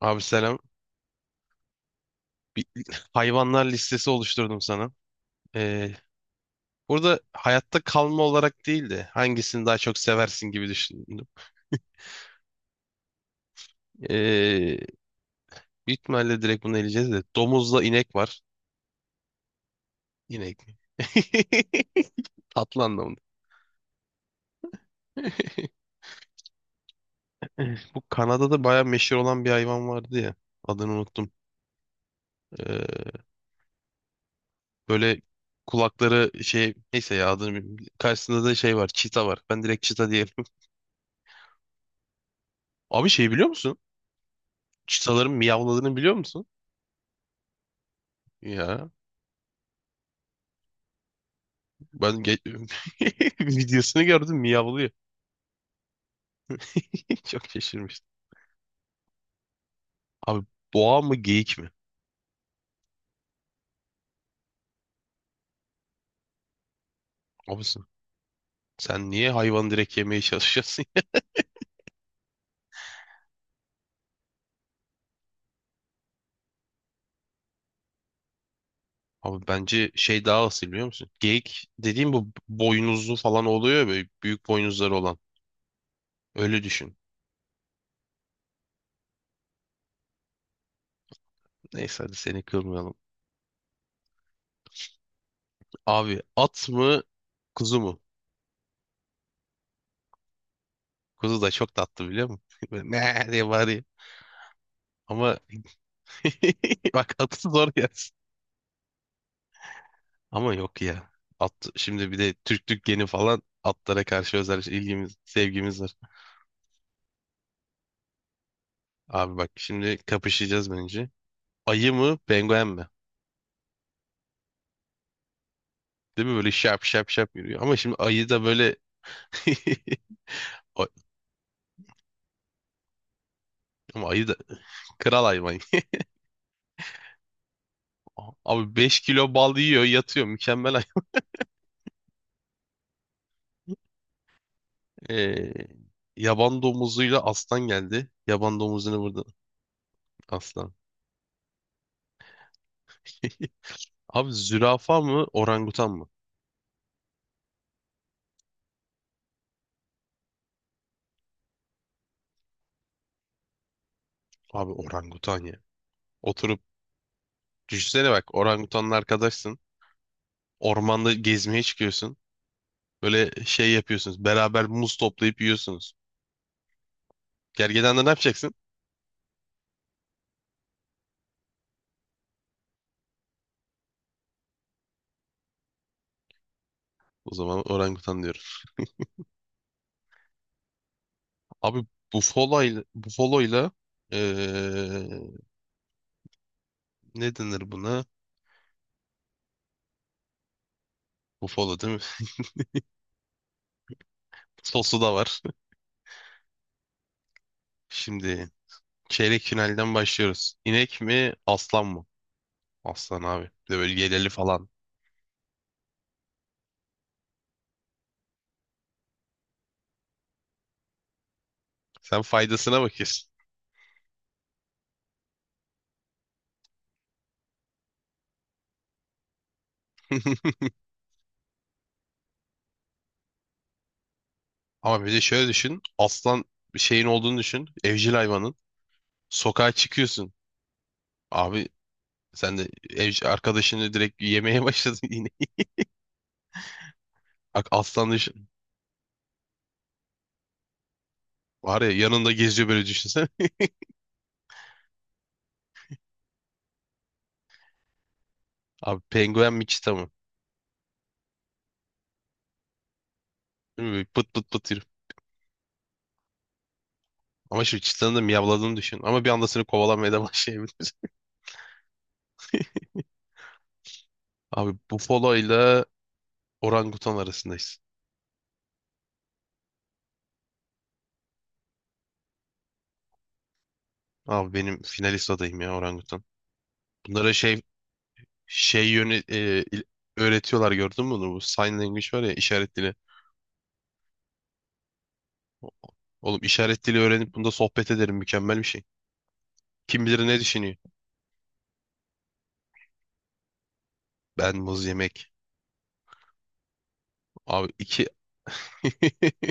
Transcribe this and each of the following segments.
Abi selam. Bir hayvanlar listesi oluşturdum sana. Ee, burada hayatta kalma olarak değil de hangisini daha çok seversin gibi düşündüm. Ee, büyük ihtimalle direkt bunu eleyeceğiz de. Domuzla inek var. İnek mi? Tatlı anlamında. Bu Kanada'da bayağı meşhur olan bir hayvan vardı ya. Adını unuttum. Ee, böyle kulakları şey neyse ya adını bilmiyorum. Karşısında da şey var. Çita var. Ben direkt çita diyelim. Abi şey biliyor musun? Çitaların miyavladığını biliyor musun? Ya, Ben ge- videosunu gördüm miyavlıyor. Çok şaşırmıştım. Abi boğa mı geyik mi? Abisin. Sen niye hayvan direkt yemeye çalışıyorsun ya? Abi bence şey daha asil biliyor musun? Geyik dediğim bu boynuzlu falan oluyor ya böyle büyük boynuzları olan. Öyle düşün. Neyse hadi seni kırmayalım. Abi at mı kuzu mu? Kuzu da çok tatlı biliyor musun? Böyle ne diye bağırıyor. Ama bak atı zor yersin. Ama yok ya. At, şimdi bir de Türklük geni falan atlara karşı özel ilgimiz, sevgimiz var. Abi bak şimdi kapışacağız bence. Ayı mı, penguen mi? Değil mi? Böyle şap şap şap yürüyor. Ama şimdi ayı da böyle... Ay- Ama ayı da kral hayvan. Abi 5 kilo bal yiyor, yatıyor. Mükemmel hayvan. Ee, yaban domuzuyla aslan geldi. Yaban domuzunu burada aslan. Abi zürafa mı, orangutan mı? Abi orangutan ya. Oturup düşünsene bak orangutanla arkadaşsın. Ormanda gezmeye çıkıyorsun. Böyle şey yapıyorsunuz. Beraber muz toplayıp yiyorsunuz. Gergedan'da ne yapacaksın? O zaman orangutan diyorum. Abi bufalo ile eee, ne denir buna? Bufalo değil mi? Sosu da var. Şimdi çeyrek finalden başlıyoruz. İnek mi aslan mı? Aslan abi. Bir de böyle yeleli falan. Sen faydasına bakıyorsun. Ama bir de şöyle düşün. Aslan bir şeyin olduğunu düşün. Evcil hayvanın. Sokağa çıkıyorsun. Abi sen de eş, arkadaşını direkt yemeye başladın yine. Bak aslan düşün. Var ya yanında geziyor böyle düşünsene. Abi penguen mi çita mı? Değil mi? Böyle pıt pıt pıt yürü. Ama şimdi çitanın da miyavladığını düşün. Ama bir anda seni kovalamaya da başlayabilir. Abi bufalo ile orangutan arasındayız. Abi benim finalist adayım ya orangutan. Bunlara şey yönü öğretiyorlar gördün mü bunu? Bu sign language var ya işaret dili. Oğlum işaret dili öğrenip bunda sohbet ederim mükemmel bir şey. Kim bilir ne düşünüyor? Ben muz yemek. Abi iki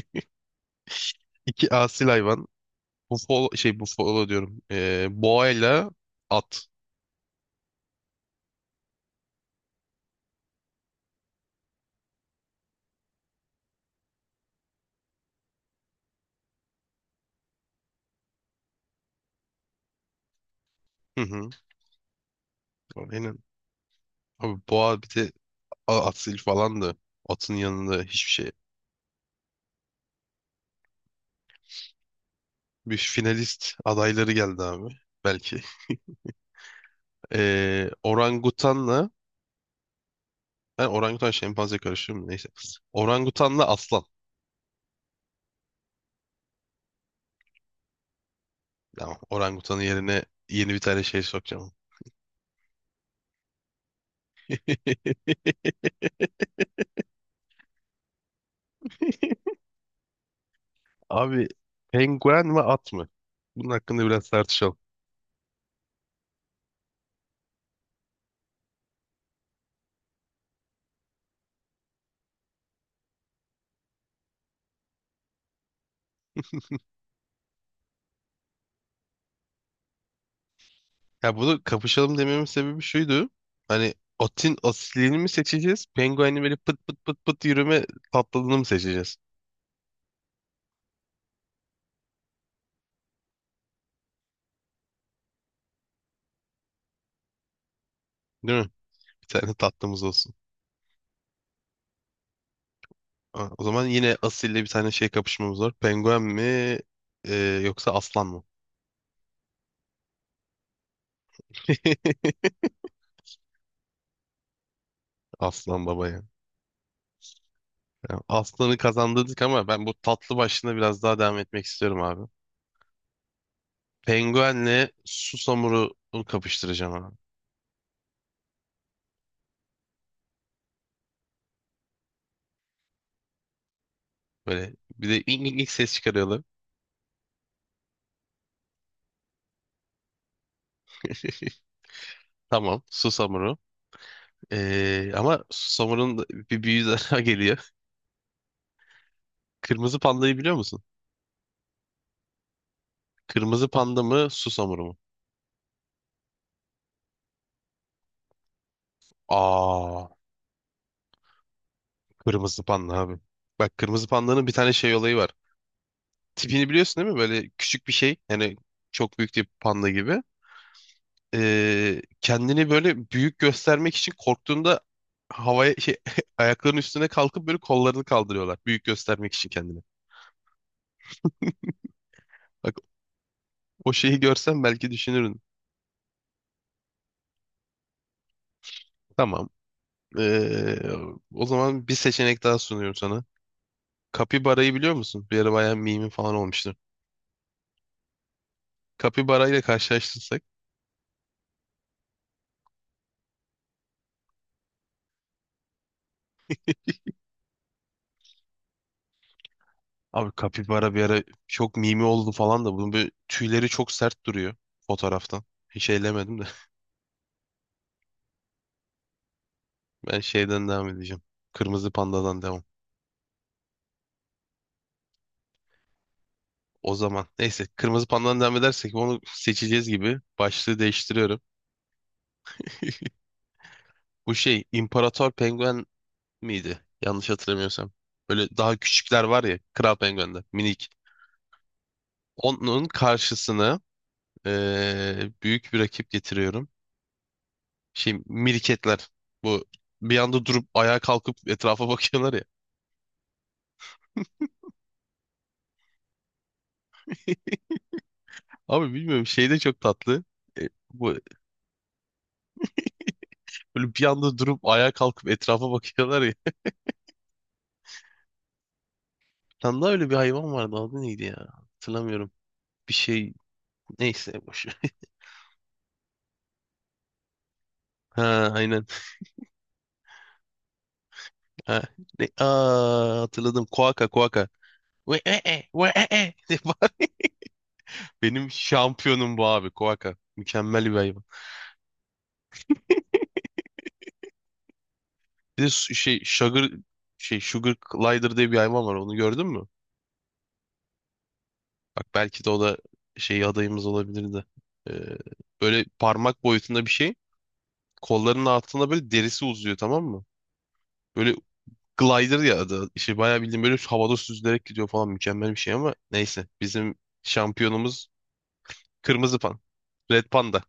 İki asil hayvan. Bufalo diyorum. Boğayla at. Hı hı. Aynen. Abi boğa bir de asil falandı. Atın yanında hiçbir şey. Bir finalist adayları geldi abi. Belki. Orangutanla ben orangutan şempanze karıştırıyorum da neyse. Orangutanla aslan. Tamam, orangutanın yerine yeni bir tane şey sokacağım. Abi penguen mi at mı? Bunun hakkında biraz tartışalım. Ya bunu kapışalım dememin sebebi şuydu. Hani otin asilini mi seçeceğiz? Penguenin böyle pıt pıt pıt pıt yürüme tatlılığını mı seçeceğiz? Değil mi? Bir tane tatlımız olsun. Ha, o zaman yine asille bir tane şey kapışmamız var. Penguen mi e, yoksa aslan mı? Aslan baba ya. Ya, aslanı kazandırdık ama ben bu tatlı başlığına biraz daha devam etmek istiyorum abi. Penguenle susamuru kapıştıracağım abi. Böyle bir de ilk, ses çıkarıyorlar. Tamam, susamuru. Ama Susamu'nun da bir büyüğü daha geliyor. Kırmızı pandayı biliyor musun? Kırmızı panda mı, Susamuru mu? Aa, kırmızı panda abi. Bak kırmızı pandanın bir tane şey olayı var. Tipini biliyorsun değil mi? Böyle küçük bir şey. Yani çok büyük bir panda gibi. Kendini böyle büyük göstermek için korktuğunda havaya şey ayaklarının üstüne kalkıp böyle kollarını kaldırıyorlar. Büyük göstermek için kendini. Bak o şeyi görsen belki düşünürün. Tamam. Ee, o zaman bir seçenek daha sunuyorum sana. Kapibara'yı biliyor musun? Bir ara bayağı mimi falan olmuştu. Kapibara ile karşılaştırsak. Abi kapibara bir ara çok mimi oldu falan da bunun böyle tüyleri çok sert duruyor fotoğraftan. Hiç eylemedim de. Ben şeyden devam edeceğim. Kırmızı pandadan devam. O zaman neyse kırmızı pandadan devam edersek onu seçeceğiz gibi. Başlığı değiştiriyorum. Bu şey İmparator Penguen miydi? Yanlış hatırlamıyorsam. Böyle daha küçükler var ya Kral Penguen'de minik. Onun karşısına büyük bir rakip getiriyorum. Şey miriketler. Bu bir anda durup ayağa kalkıp etrafa bakıyorlar ya. Abi bilmiyorum şey de çok tatlı. Bu böyle bir anda durup ayağa kalkıp etrafa bakıyorlar ya. Tam da öyle bir hayvan vardı. Adı neydi ya? Hatırlamıyorum. Bir şey neyse boş ver. Ha, aynen. Ha. Ne? Aa, hatırladım. Koaka koaka. Ve e e ve e e. diye bağır- Benim şampiyonum bu abi koaka. Mükemmel bir hayvan. Bir de sugar glider diye bir hayvan var. Onu gördün mü? Bak belki de o da şey adayımız olabilirdi. Ee, böyle parmak boyutunda bir şey. Kollarının altında böyle derisi uzuyor tamam mı? Böyle glider ya adı. İşte bayağı bildiğin böyle havada süzülerek gidiyor falan. Mükemmel bir şey ama neyse. Bizim şampiyonumuz Kırmızı Pan. Red Panda.